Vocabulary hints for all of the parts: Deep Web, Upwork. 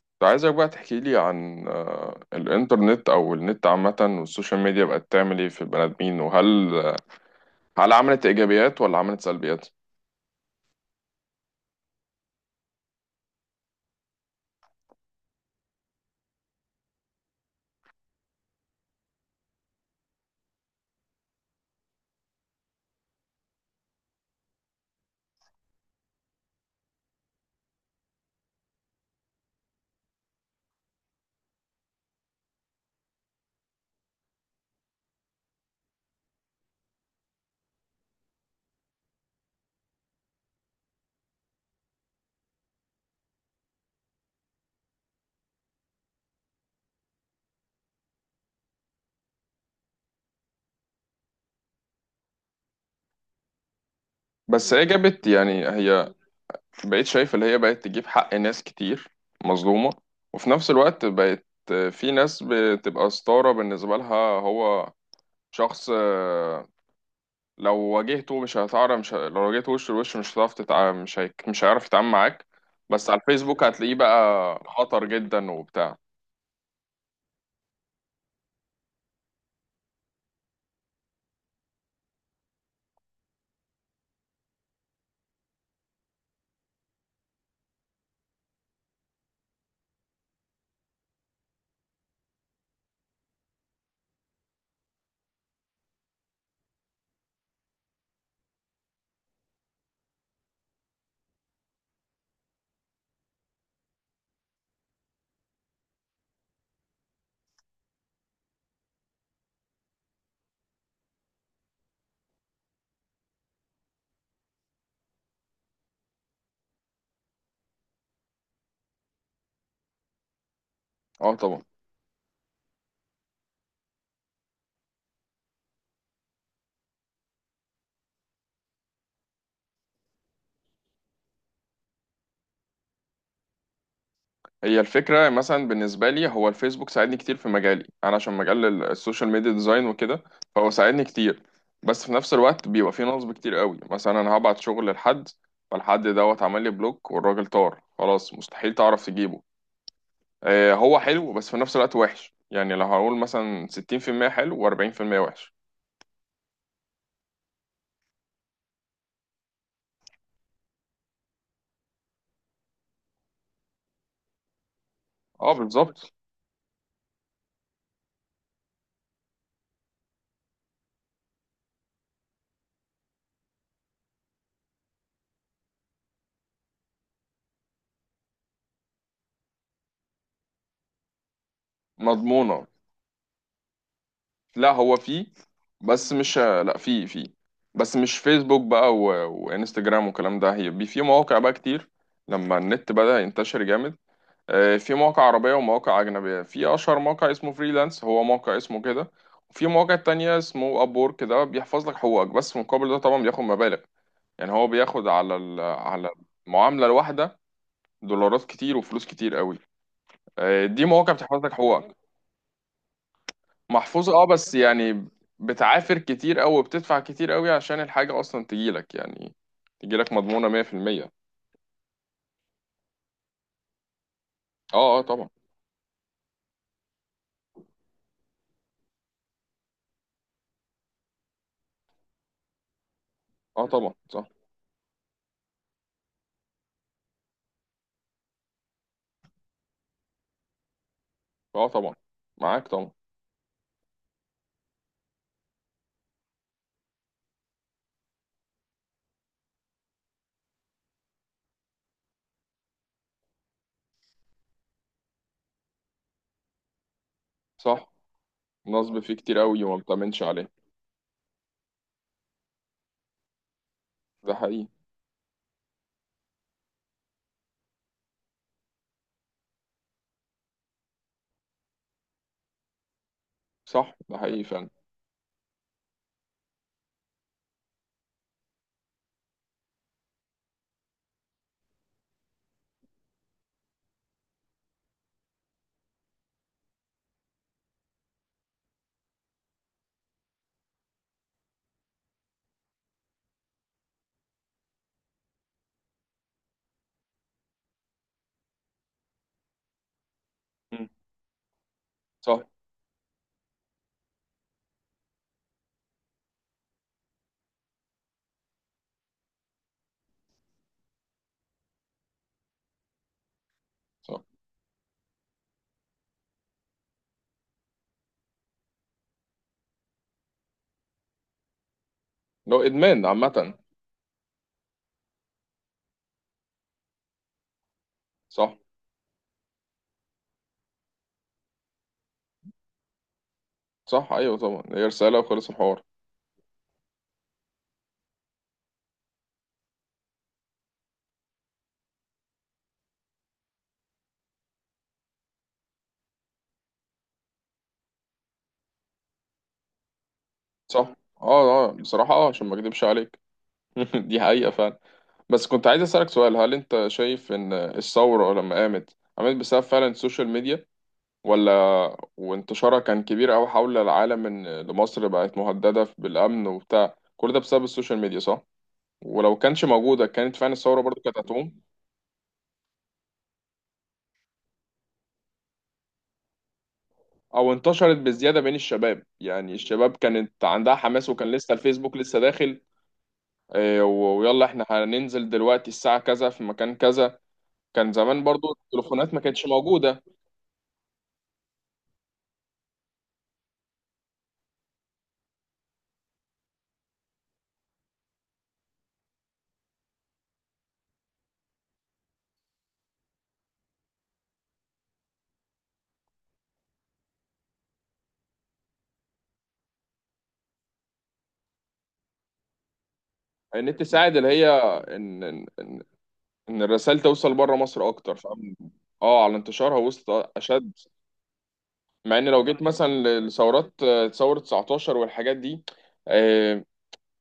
كنت عايزك بقى تحكي لي عن الإنترنت أو النت عامة، والسوشيال ميديا بقت تعمل إيه في البني آدمين؟ وهل آه، هل عملت إيجابيات ولا عملت سلبيات؟ بس هي جابت يعني هي بقيت شايف اللي هي بقت تجيب حق ناس كتير مظلومة، وفي نفس الوقت بقت في ناس بتبقى ستارة بالنسبة لها. هو شخص لو واجهته وش لوش مش هتعرف تتع... مش هيك... مش هيعرف يتعامل معاك، بس على الفيسبوك هتلاقيه بقى خطر جدا وبتاع. اه، طبعا. هي الفكرة مثلا بالنسبة لي، هو الفيسبوك ساعدني كتير في مجالي انا، عشان مجال السوشيال ميديا ديزاين وكده، فهو ساعدني كتير. بس في نفس الوقت بيبقى فيه نصب كتير قوي. مثلا انا هبعت شغل لحد، فالحد دوت عمل لي بلوك، والراجل طار خلاص، مستحيل تعرف تجيبه. آه، هو حلو بس في نفس الوقت وحش. يعني لو هقول مثلا 60% حلو و40% وحش. اه، بالظبط. مضمونة. لا، هو فيه. بس مش لا، فيه. بس مش فيسبوك بقى و... وانستجرام والكلام ده. هيبقى في مواقع بقى كتير لما النت بدأ ينتشر جامد. في مواقع عربية ومواقع أجنبية. في أشهر موقع اسمه فريلانس، هو موقع اسمه كده. وفي مواقع تانية اسمه أبورك، ده بيحفظ لك حقوقك، بس مقابل ده طبعا بياخد مبالغ. يعني هو بياخد على المعاملة الواحدة دولارات كتير وفلوس كتير قوي. دي مواقع بتحفظ لك حقوقك. محفوظة، اه، بس يعني بتعافر كتير أوي وبتدفع كتير أوي عشان الحاجة أصلا تجيلك، يعني تجيلك مضمونة مية في المية. اه، اه، طبعا. اه، طبعا، صح. اه، طبعا. معاك طبعا. صح، نصب فيه كتير أوي وما بتأمنش عليه. ده حقيقي. صح، ده حقيقي فعلا. مم. صح. صح، لو إدمان عامة. صح. صح، أيوه طبعا، هي رسالة وخلص الحوار. صح. اه، اه، بصراحة اه، عشان ما أكدبش عليك. دي حقيقة فعلا. بس كنت عايز أسألك سؤال: هل أنت شايف إن الثورة لما قامت بسبب فعلا السوشيال ميديا؟ ولا وانتشارها كان كبير أوي حول العالم، إن لمصر بقت مهددة بالأمن وبتاع كل ده بسبب السوشيال ميديا، صح؟ ولو كانش موجودة كانت فعلا الثورة برضو كانت هتقوم؟ أو انتشرت بزيادة بين الشباب، يعني الشباب كانت عندها حماس وكان لسه الفيسبوك لسه داخل. ويلا إحنا هننزل دلوقتي الساعة كذا في مكان كذا. كان زمان برضو التليفونات ما كانتش موجودة. النت ساعد اللي هي ان ان الرسائل توصل بره مصر اكتر، فاهم. اه، على انتشارها وسط اشد. مع ان لو جيت مثلا لثورات، ثورة 19 والحاجات دي، آه،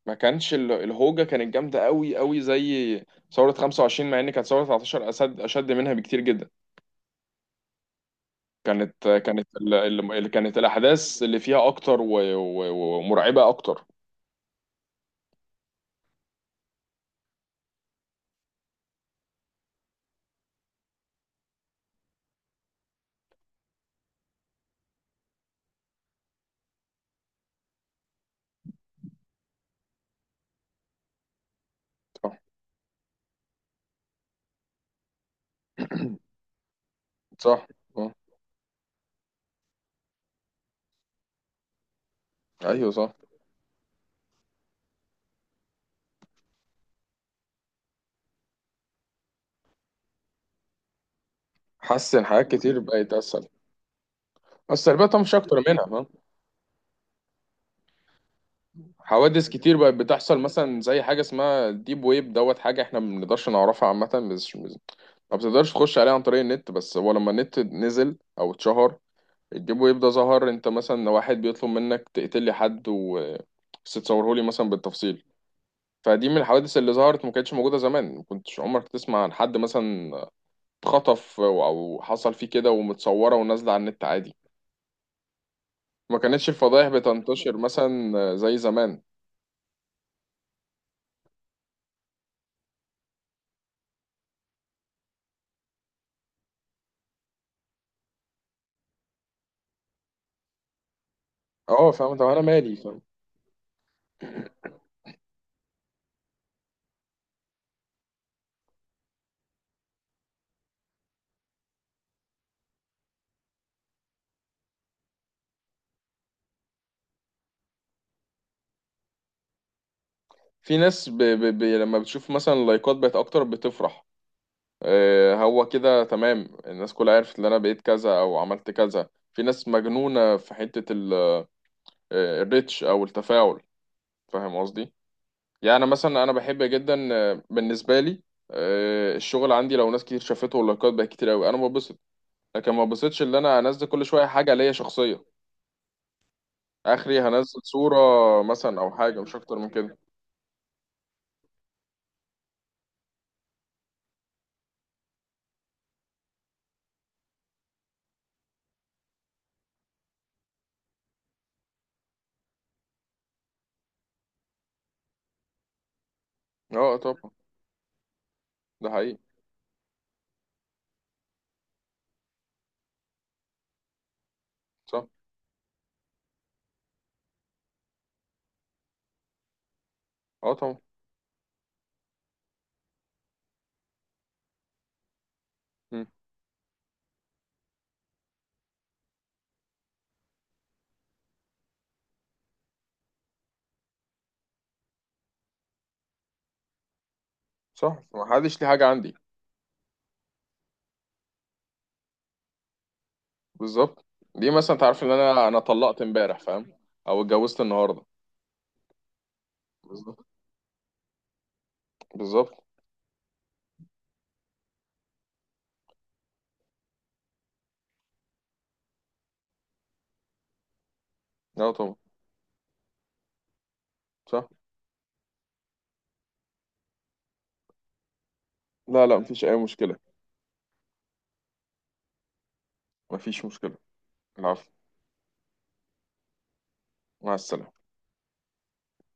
ما كانش الهوجة كانت جامدة قوي قوي زي ثورة 25. مع ان كانت ثورة 19 اشد اشد منها بكتير جدا، كانت آه، كانت ال- ال- اللي كانت الاحداث اللي فيها اكتر ومرعبة اكتر. صح. صح. آه. ايوه، صح، حاسس ان حاجات كتير بقت اسهل، بس السلبيات مش اكتر منها. حوادث كتير بقت بتحصل مثلا، زي حاجة اسمها ديب ويب دوت حاجة احنا ما بنقدرش نعرفها عامة. ما بتقدرش تخش عليها عن طريق النت، بس هو لما النت نزل او اتشهر الديب ويب ده ظهر. انت مثلا واحد بيطلب منك تقتل لي حد، و بس تصوره لي مثلا بالتفصيل. فدي من الحوادث اللي ظهرت، ما كانتش موجودة زمان. ما كنتش عمرك تسمع عن حد مثلا اتخطف او أو حصل فيه كده، ومتصورة ونازلة على النت عادي. ما كانتش الفضائح بتنتشر مثلا زي زمان. اه، فاهم، طب انا مالي. في ناس لما بتشوف مثلا اللايكات بقت اكتر بتفرح. آه، هو كده تمام، الناس كلها عرفت ان انا بقيت كذا او عملت كذا. في ناس مجنونة في حتة ال... آه، الريتش او التفاعل، فاهم قصدي؟ يعني مثلا انا بحب جدا، بالنسبة لي، الشغل عندي لو ناس كتير شافته واللايكات بقت كتير قوي انا ببسط. لكن ما ببسطش ان انا انزل كل شوية حاجة ليا شخصية اخري، هنزل صورة مثلا او حاجة مش اكتر من كده. اه، طبعا، ده حقيقي. صح، اه، طبعا. صح، ما حدش ليه حاجه عندي. بالظبط. دي مثلا تعرف ان انا انا طلقت امبارح، فاهم، او اتجوزت النهارده. بالظبط، بالظبط. لا طبعا. صح. لا، لا، مفيش اي مشكله. مفيش مشكله. العفو. مع السلامه.